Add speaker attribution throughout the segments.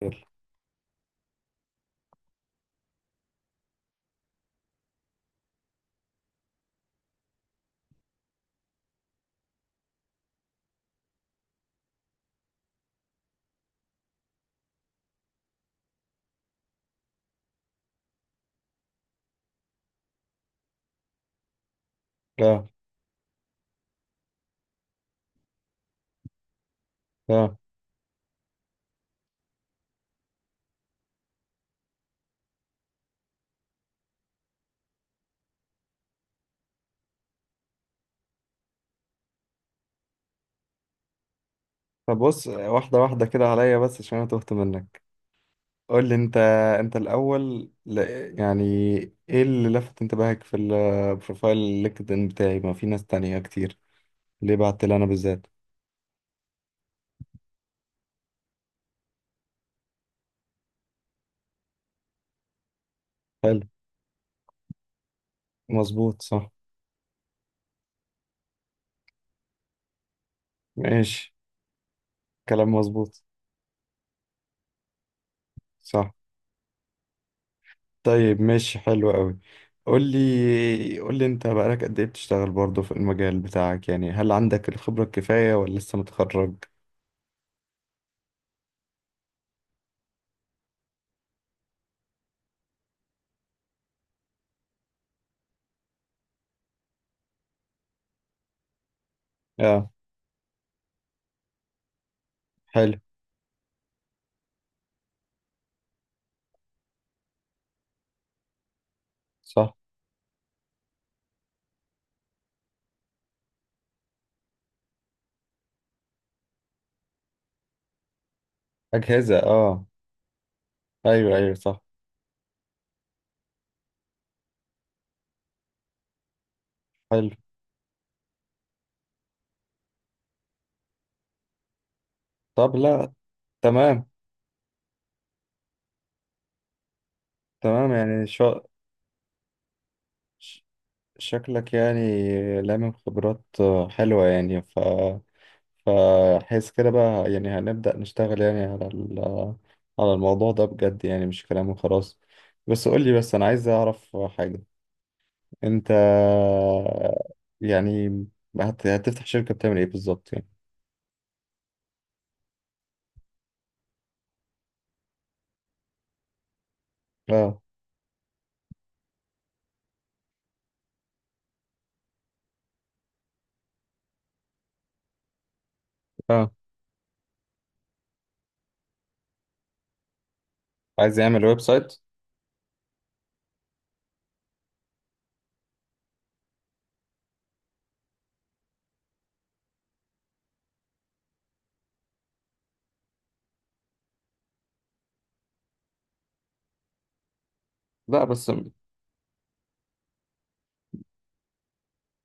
Speaker 1: خير. لا لا, طب بص، واحدة واحدة كده عليا بس عشان أنا تهت منك. قول لي أنت الأول يعني، إيه اللي لفت انتباهك في البروفايل اللينكدإن بتاعي؟ ما في ناس تانية كتير، ليه بعت لي أنا بالذات؟ حلو. مظبوط، صح. ماشي، كلام مظبوط. صح. طيب، ماشي، حلو قوي. قول لي أنت، بقالك قد إيه بتشتغل برضه في المجال بتاعك؟ يعني هل عندك الخبرة الكفاية ولا لسه متخرج؟ آه. حلو. صح. أجهزة، آه. ايوه ايوه، صح. حلو. طب لا. تمام. تمام يعني ش- شكلك يعني خبرات، حلوة يعني. فحس كده بقى، يعني هنبدأ نشتغل يعني على على الموضوع ده بجد يعني، مش كلام وخلاص. بس قول لي، بس انا عايز اعرف حاجة. انت يعني هتفتح شركة بتعمل ايه بالظبط يعني؟ اه. اه. عايز يعمل ويب سايت. لا بس.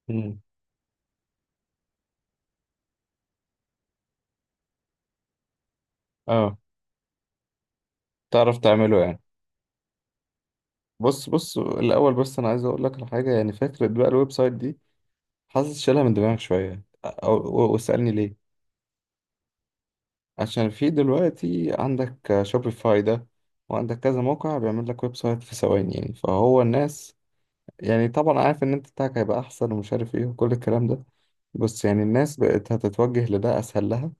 Speaker 1: مم. اه. تعرف تعمله يعني؟ بص الأول بس، أنا عايز أقول لك على حاجة. يعني فكرة بقى الويب سايت دي، حاسس شيلها من دماغك شوية، أو واسألني ليه. عشان في دلوقتي عندك شوبيفاي ده، وعندك كذا موقع بيعمل لك ويب سايت في ثواني يعني. فهو الناس يعني، طبعا عارف إن أنت بتاعك هيبقى أحسن ومش عارف إيه وكل الكلام ده، بس يعني الناس بقت هتتوجه لده أسهل لها.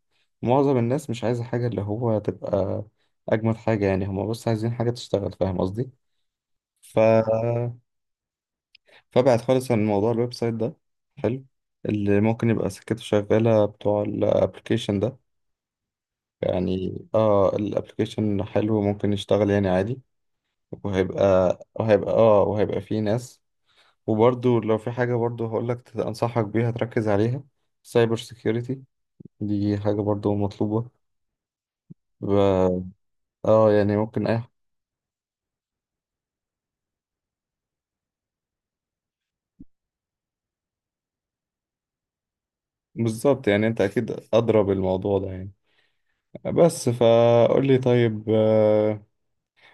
Speaker 1: معظم الناس مش عايزة حاجة اللي هو تبقى أجمل حاجة يعني، هما بس عايزين حاجة تشتغل. فاهم قصدي؟ ف فابعد خالص عن موضوع الويب سايت ده. حلو. اللي ممكن يبقى سكته شغالة بتوع الابلكيشن ده. يعني اه، الابلكيشن حلو، ممكن يشتغل يعني عادي، وهيبقى اه، وهيبقى فيه ناس. وبرضو لو في حاجة برضو هقولك أنصحك بيها تركز عليها: سايبر سيكيورتي. دي حاجة برضو مطلوبة. ب- اه يعني ممكن اي. بالظبط، يعني انت اكيد ادرى بالموضوع ده يعني. بس فقول لي طيب،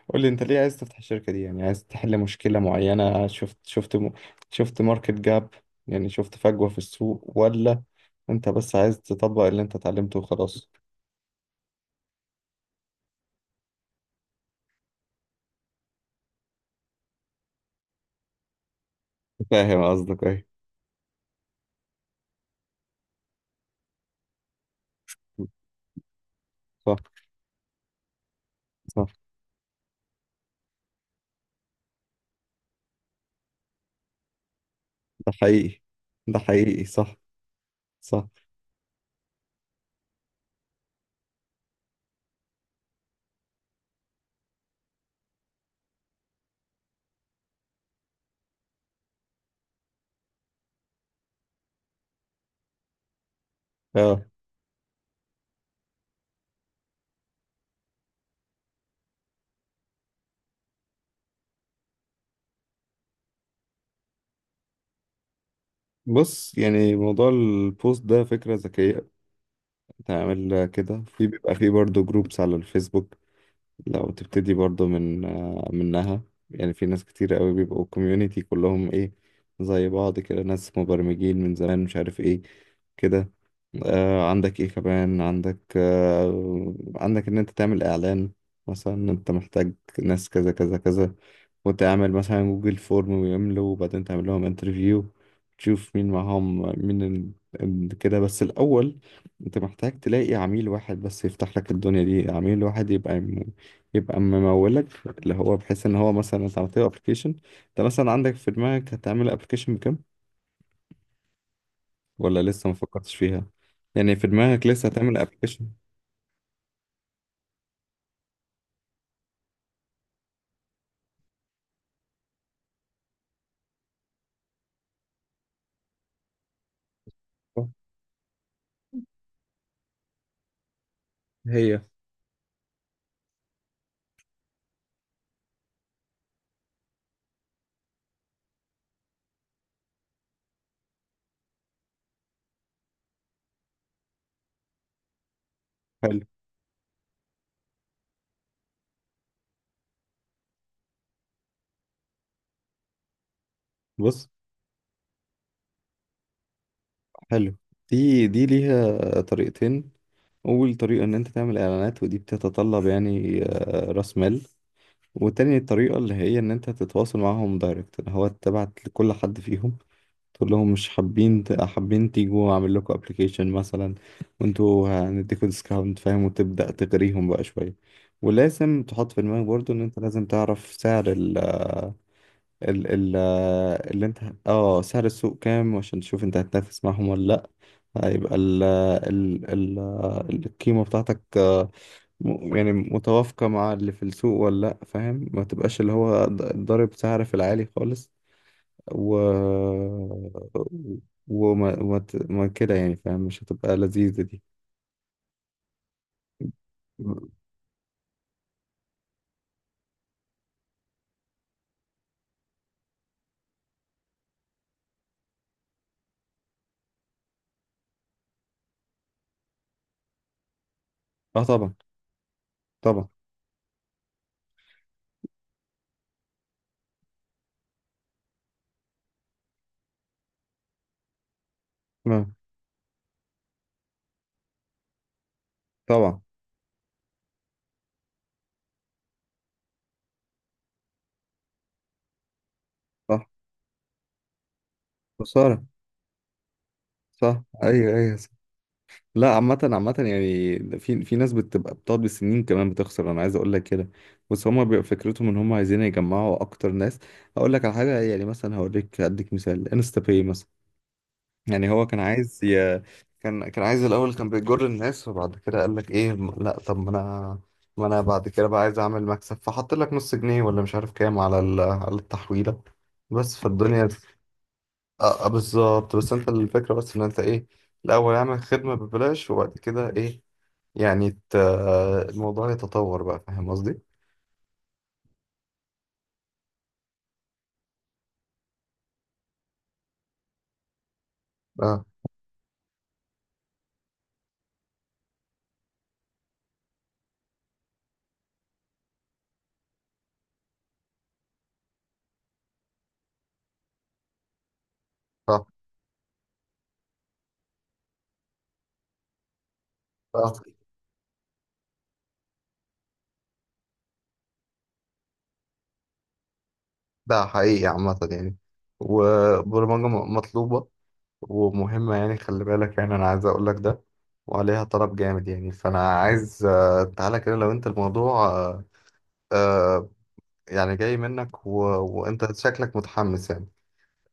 Speaker 1: قول لي انت ليه عايز تفتح الشركة دي؟ يعني عايز تحل مشكلة معينة، شفت ماركت جاب؟ يعني شفت فجوة في السوق، ولا انت بس عايز تطبق اللي انت اتعلمته وخلاص؟ فاهم قصدك ايه. صح. صح. ده حقيقي. ده حقيقي، صح. صح. اه بص، يعني موضوع البوست ده فكرة ذكية. تعمل كده، في بيبقى فيه برضه جروبس على الفيسبوك. لو تبتدي برضو من منها. يعني في ناس كتير قوي بيبقوا كوميونيتي، كلهم ايه، زي بعض كده، ناس مبرمجين من زمان مش عارف ايه كده. آه، عندك ايه كمان، عندك آه، عندك ان انت تعمل اعلان مثلا إن انت محتاج ناس كذا كذا كذا، وتعمل مثلا جوجل فورم ويملوا، وبعدين تعمل لهم انترفيو تشوف مين معاهم، مين كده بس الاول. انت محتاج تلاقي عميل واحد بس يفتح لك الدنيا دي، عميل واحد يبقى يبقى ممولك، اللي هو بحيث ان هو مثلا انت عملت له ابلكيشن. انت مثلا عندك في دماغك هتعمل ابلكيشن بكام، ولا لسه ما فكرتش فيها؟ يعني في دماغك لسه هتعمل ابلكيشن هي. حلو. بص، حلو. دي ليها طريقتين. اول طريقه ان انت تعمل اعلانات، ودي بتتطلب يعني راس مال. وتاني الطريقه اللي هي ان انت تتواصل معاهم دايركت، اللي هو تبعت لكل حد فيهم تقول لهم مش حابين حابين تيجوا اعمل لكم ابلكيشن مثلا وانتوا هنديكوا ديسكاونت، فاهم، وتبدأ تغريهم بقى شوية. ولازم تحط في دماغك برضو ان انت لازم تعرف سعر ال اللي انت، اه، سعر السوق كام، عشان تشوف انت هتنافس معاهم ولا لا. هيبقى ال القيمة بتاعتك يعني متوافقة مع اللي في السوق ولا لا، فاهم؟ ما تبقاش اللي هو ضارب سعر في العالي خالص، و وما وما ت- ما كده يعني، فاهم، مش هتبقى لذيذة دي. اه طبعا. طبعا. آه، طبعا. صح. خسارة. صح ايوه ايوه، صح. لا عامة، عامة يعني في ناس بتبقى بتقعد بالسنين كمان بتخسر، انا عايز اقول لك كده، بس هما بيبقى فكرتهم ان هما عايزين يجمعوا اكتر ناس. هقول لك على حاجة، يعني مثلا هوريك، اديك مثال، انستا باي مثلا. يعني هو كان عايز كان عايز الاول، كان بيجر الناس، وبعد كده قال لك ايه، لا طب ما انا، بعد كده بقى عايز اعمل مكسب فحط لك نص جنيه ولا مش عارف كام على على التحويله بس. فالدنيا اه، بالظبط. بس انت الفكره بس ان انت ايه، الاول اعمل خدمه ببلاش، وبعد كده ايه يعني الموضوع يتطور بقى، فاهم قصدي؟ اه. اه. اه. ده حقيقي عامة يعني. والبرمجة مطلوبة ومهمة يعني، خلي بالك يعني، أنا عايز أقول لك ده. وعليها طلب جامد يعني. فأنا عايز تعالى كده، لو أنت الموضوع آه، يعني جاي منك، وأنت شكلك متحمس يعني.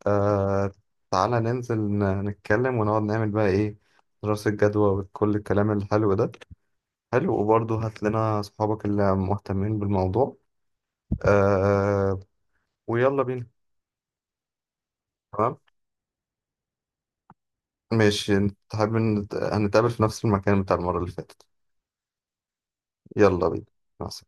Speaker 1: آه، تعالى ننزل نتكلم ونقعد نعمل بقى إيه، دراسة جدوى وكل الكلام الحلو ده. حلو. وبرضه هات لنا أصحابك اللي مهتمين بالموضوع. آه، آه، ويلا بينا. تمام. ماشي، حابب هنتقابل في نفس المكان بتاع المرة اللي فاتت. يلا بينا. مع السلامة.